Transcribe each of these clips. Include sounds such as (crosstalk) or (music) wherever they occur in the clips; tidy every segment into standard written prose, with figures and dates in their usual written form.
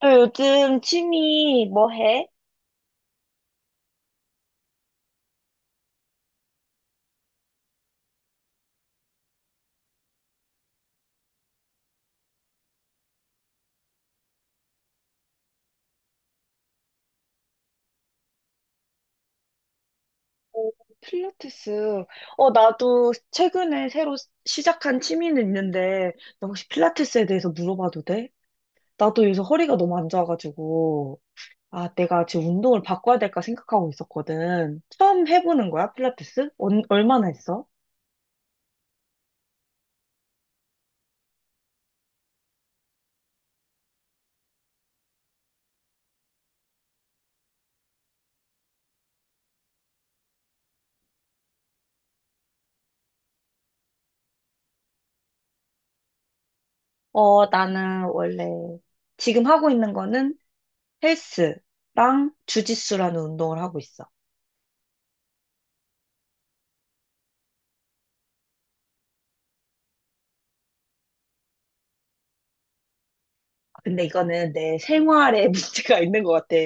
너 요즘 취미 뭐 해? 오, 필라테스. 나도 최근에 새로 시작한 취미는 있는데, 너 혹시 필라테스에 대해서 물어봐도 돼? 나도 요새 허리가 너무 안 좋아가지고, 아, 내가 지금 운동을 바꿔야 될까 생각하고 있었거든. 처음 해보는 거야, 필라테스? 얼마나 했어? 나는 원래 지금 하고 있는 거는 헬스랑 주짓수라는 운동을 하고 있어. 근데 이거는 내 생활에 (laughs) 문제가 있는 것 같아.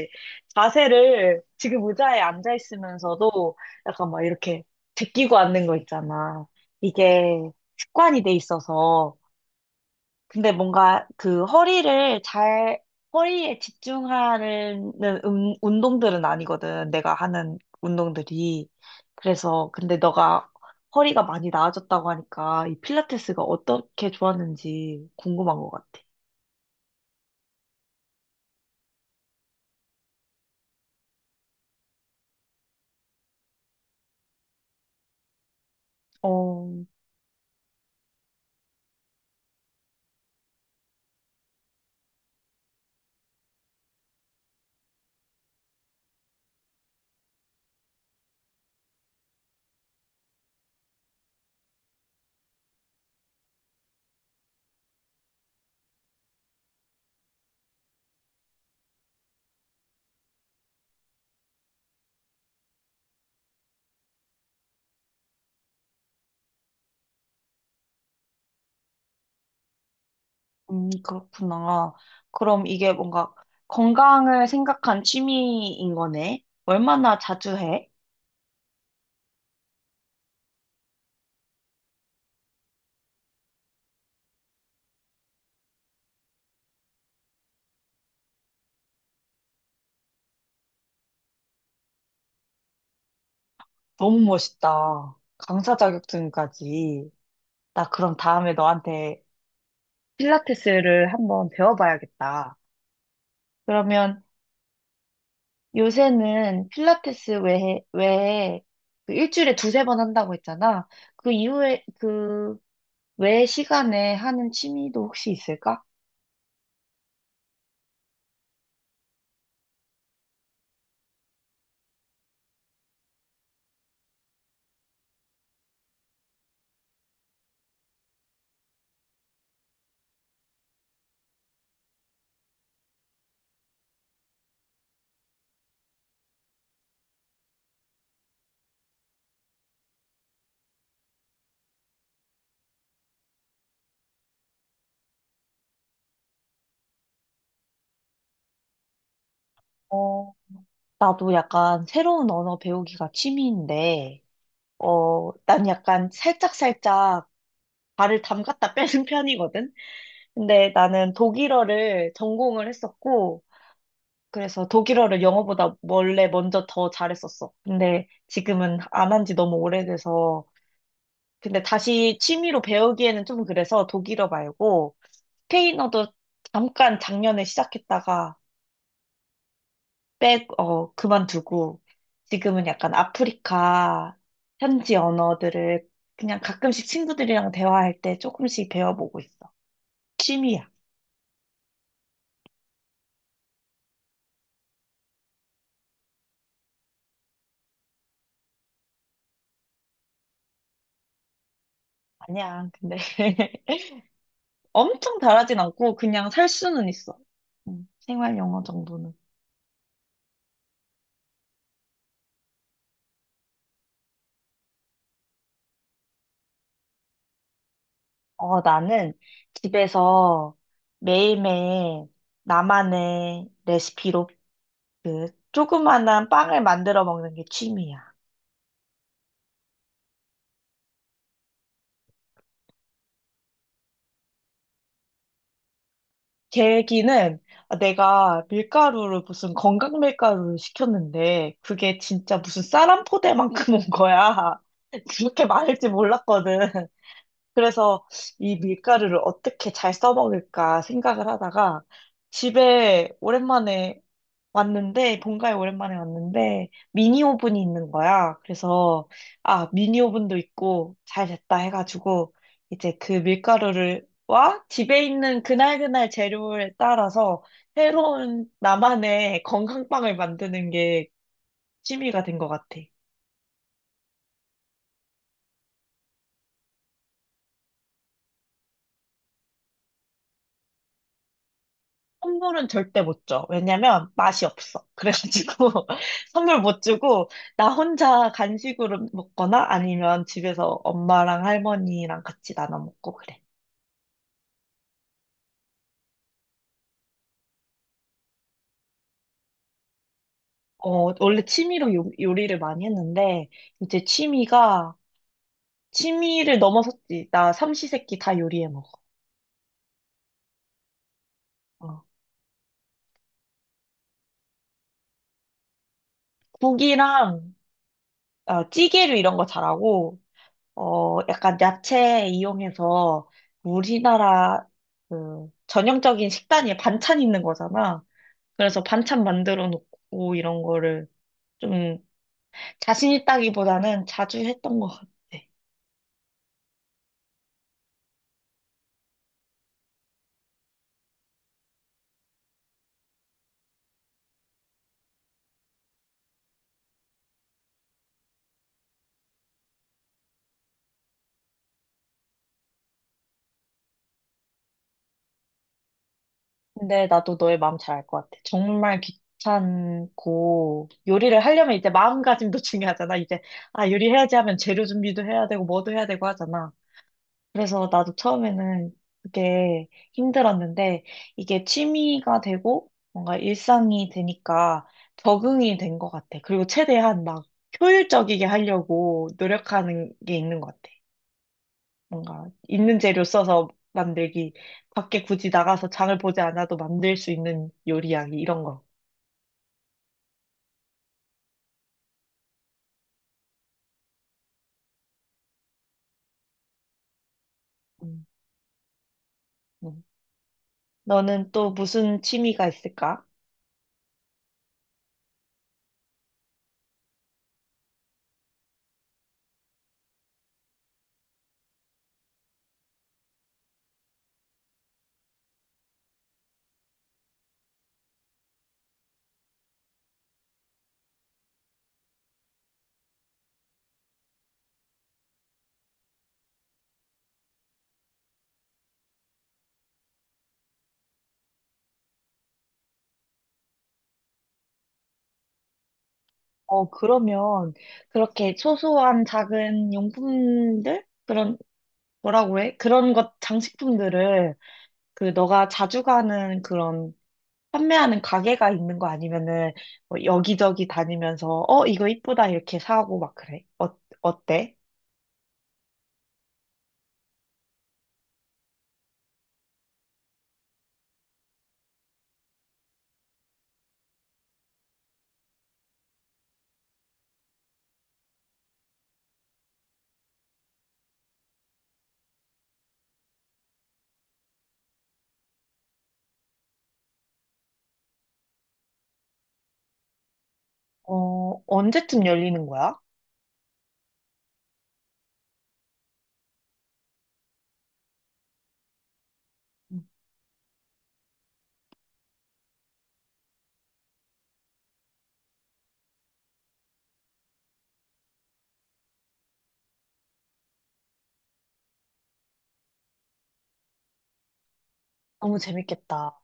자세를 지금 의자에 앉아 있으면서도 약간 막 이렇게 제끼고 앉는 거 있잖아. 이게 습관이 돼 있어서. 근데 뭔가 그 허리를 잘, 허리에 집중하는 운동들은 아니거든. 내가 하는 운동들이. 그래서 근데 너가 허리가 많이 나아졌다고 하니까 이 필라테스가 어떻게 좋았는지 궁금한 것 같아. 어, 그렇구나. 그럼 이게 뭔가 건강을 생각한 취미인 거네? 얼마나 자주 해? 너무 멋있다. 강사 자격증까지. 나 그럼 다음에 너한테 필라테스를 한번 배워봐야겠다. 그러면 요새는 필라테스 외에 그 일주일에 두세 번 한다고 했잖아. 그 이후에, 외 시간에 하는 취미도 혹시 있을까? 어, 나도 약간 새로운 언어 배우기가 취미인데, 난 약간 살짝살짝 발을 담갔다 (laughs) 빼는 편이거든? 근데 나는 독일어를 전공을 했었고, 그래서 독일어를 영어보다 원래 먼저 더 잘했었어. 근데 지금은 안 한 지 너무 오래돼서. 근데 다시 취미로 배우기에는 좀 그래서 독일어 말고 스페인어도 잠깐 작년에 시작했다가 그만두고 지금은 약간 아프리카 현지 언어들을 그냥 가끔씩 친구들이랑 대화할 때 조금씩 배워보고 있어. 취미야. 아니야, 근데 (laughs) 엄청 잘하진 않고 그냥 살 수는 있어. 생활 영어 정도는. 나는 집에서 매일매일 나만의 레시피로 그 조그만한 빵을 만들어 먹는 게 취미야. 계기는 내가 밀가루를 무슨 건강 밀가루를 시켰는데 그게 진짜 무슨 쌀 한 포대만큼 온 거야. (laughs) 그렇게 많을지 몰랐거든. 그래서 이 밀가루를 어떻게 잘 써먹을까 생각을 하다가 집에 오랜만에 왔는데, 본가에 오랜만에 왔는데, 미니 오븐이 있는 거야. 그래서, 아, 미니 오븐도 있고, 잘 됐다 해가지고, 이제 그 밀가루를, 와, 집에 있는 그날그날 재료에 따라서 새로운 나만의 건강빵을 만드는 게 취미가 된 것 같아. 선물은 절대 못 줘. 왜냐면 맛이 없어. 그래가지고 (laughs) 선물 못 주고 나 혼자 간식으로 먹거나 아니면 집에서 엄마랑 할머니랑 같이 나눠 먹고 그래. 어, 원래 취미로 요리를 많이 했는데 이제 취미가 취미를 넘어섰지. 나 삼시세끼 다 요리해 먹어. 어. 국이랑 어, 찌개류 이런 거 잘하고 어, 약간 야채 이용해서 우리나라 그 전형적인 식단이 반찬 있는 거잖아. 그래서 반찬 만들어 놓고 이런 거를 좀 자신 있다기보다는 자주 했던 것 같아. 근데 나도 너의 마음 잘 알 것 같아. 정말 귀찮고 요리를 하려면 이제 마음가짐도 (laughs) 중요하잖아. 이제 아 요리해야지 하면 재료 준비도 해야 되고 뭐도 해야 되고 하잖아. 그래서 나도 처음에는 그게 힘들었는데 이게 취미가 되고 뭔가 일상이 되니까 적응이 된 것 같아. 그리고 최대한 막 효율적이게 하려고 노력하는 게 있는 것 같아. 뭔가 있는 재료 써서 만들기, 밖에 굳이 나가서 장을 보지 않아도 만들 수 있는 요리하기 이런 거. 음, 음. 너는 또 무슨 취미가 있을까? 어, 그러면 그렇게 소소한 작은 용품들? 그런 뭐라고 해? 그런 것, 장식품들을, 그, 너가 자주 가는 그런, 판매하는 가게가 있는 거 아니면은, 뭐 여기저기 다니면서, 어, 이거 이쁘다, 이렇게 사고 막 그래. 어, 어때? 어, 언제쯤 열리는 거야? 음, 너무 재밌겠다.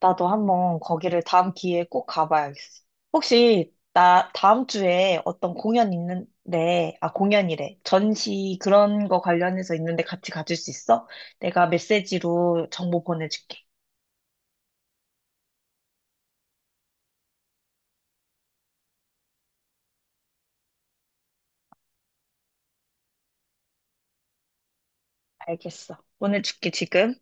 나도 한번 거기를 다음 기회에 꼭 가봐야겠어. 혹시, 나 다음 주에 어떤 공연 있는데, 아, 공연이래. 전시 그런 거 관련해서 있는데 같이 가줄 수 있어? 내가 메시지로 정보 보내줄게. 알겠어. 오늘 줄게, 지금.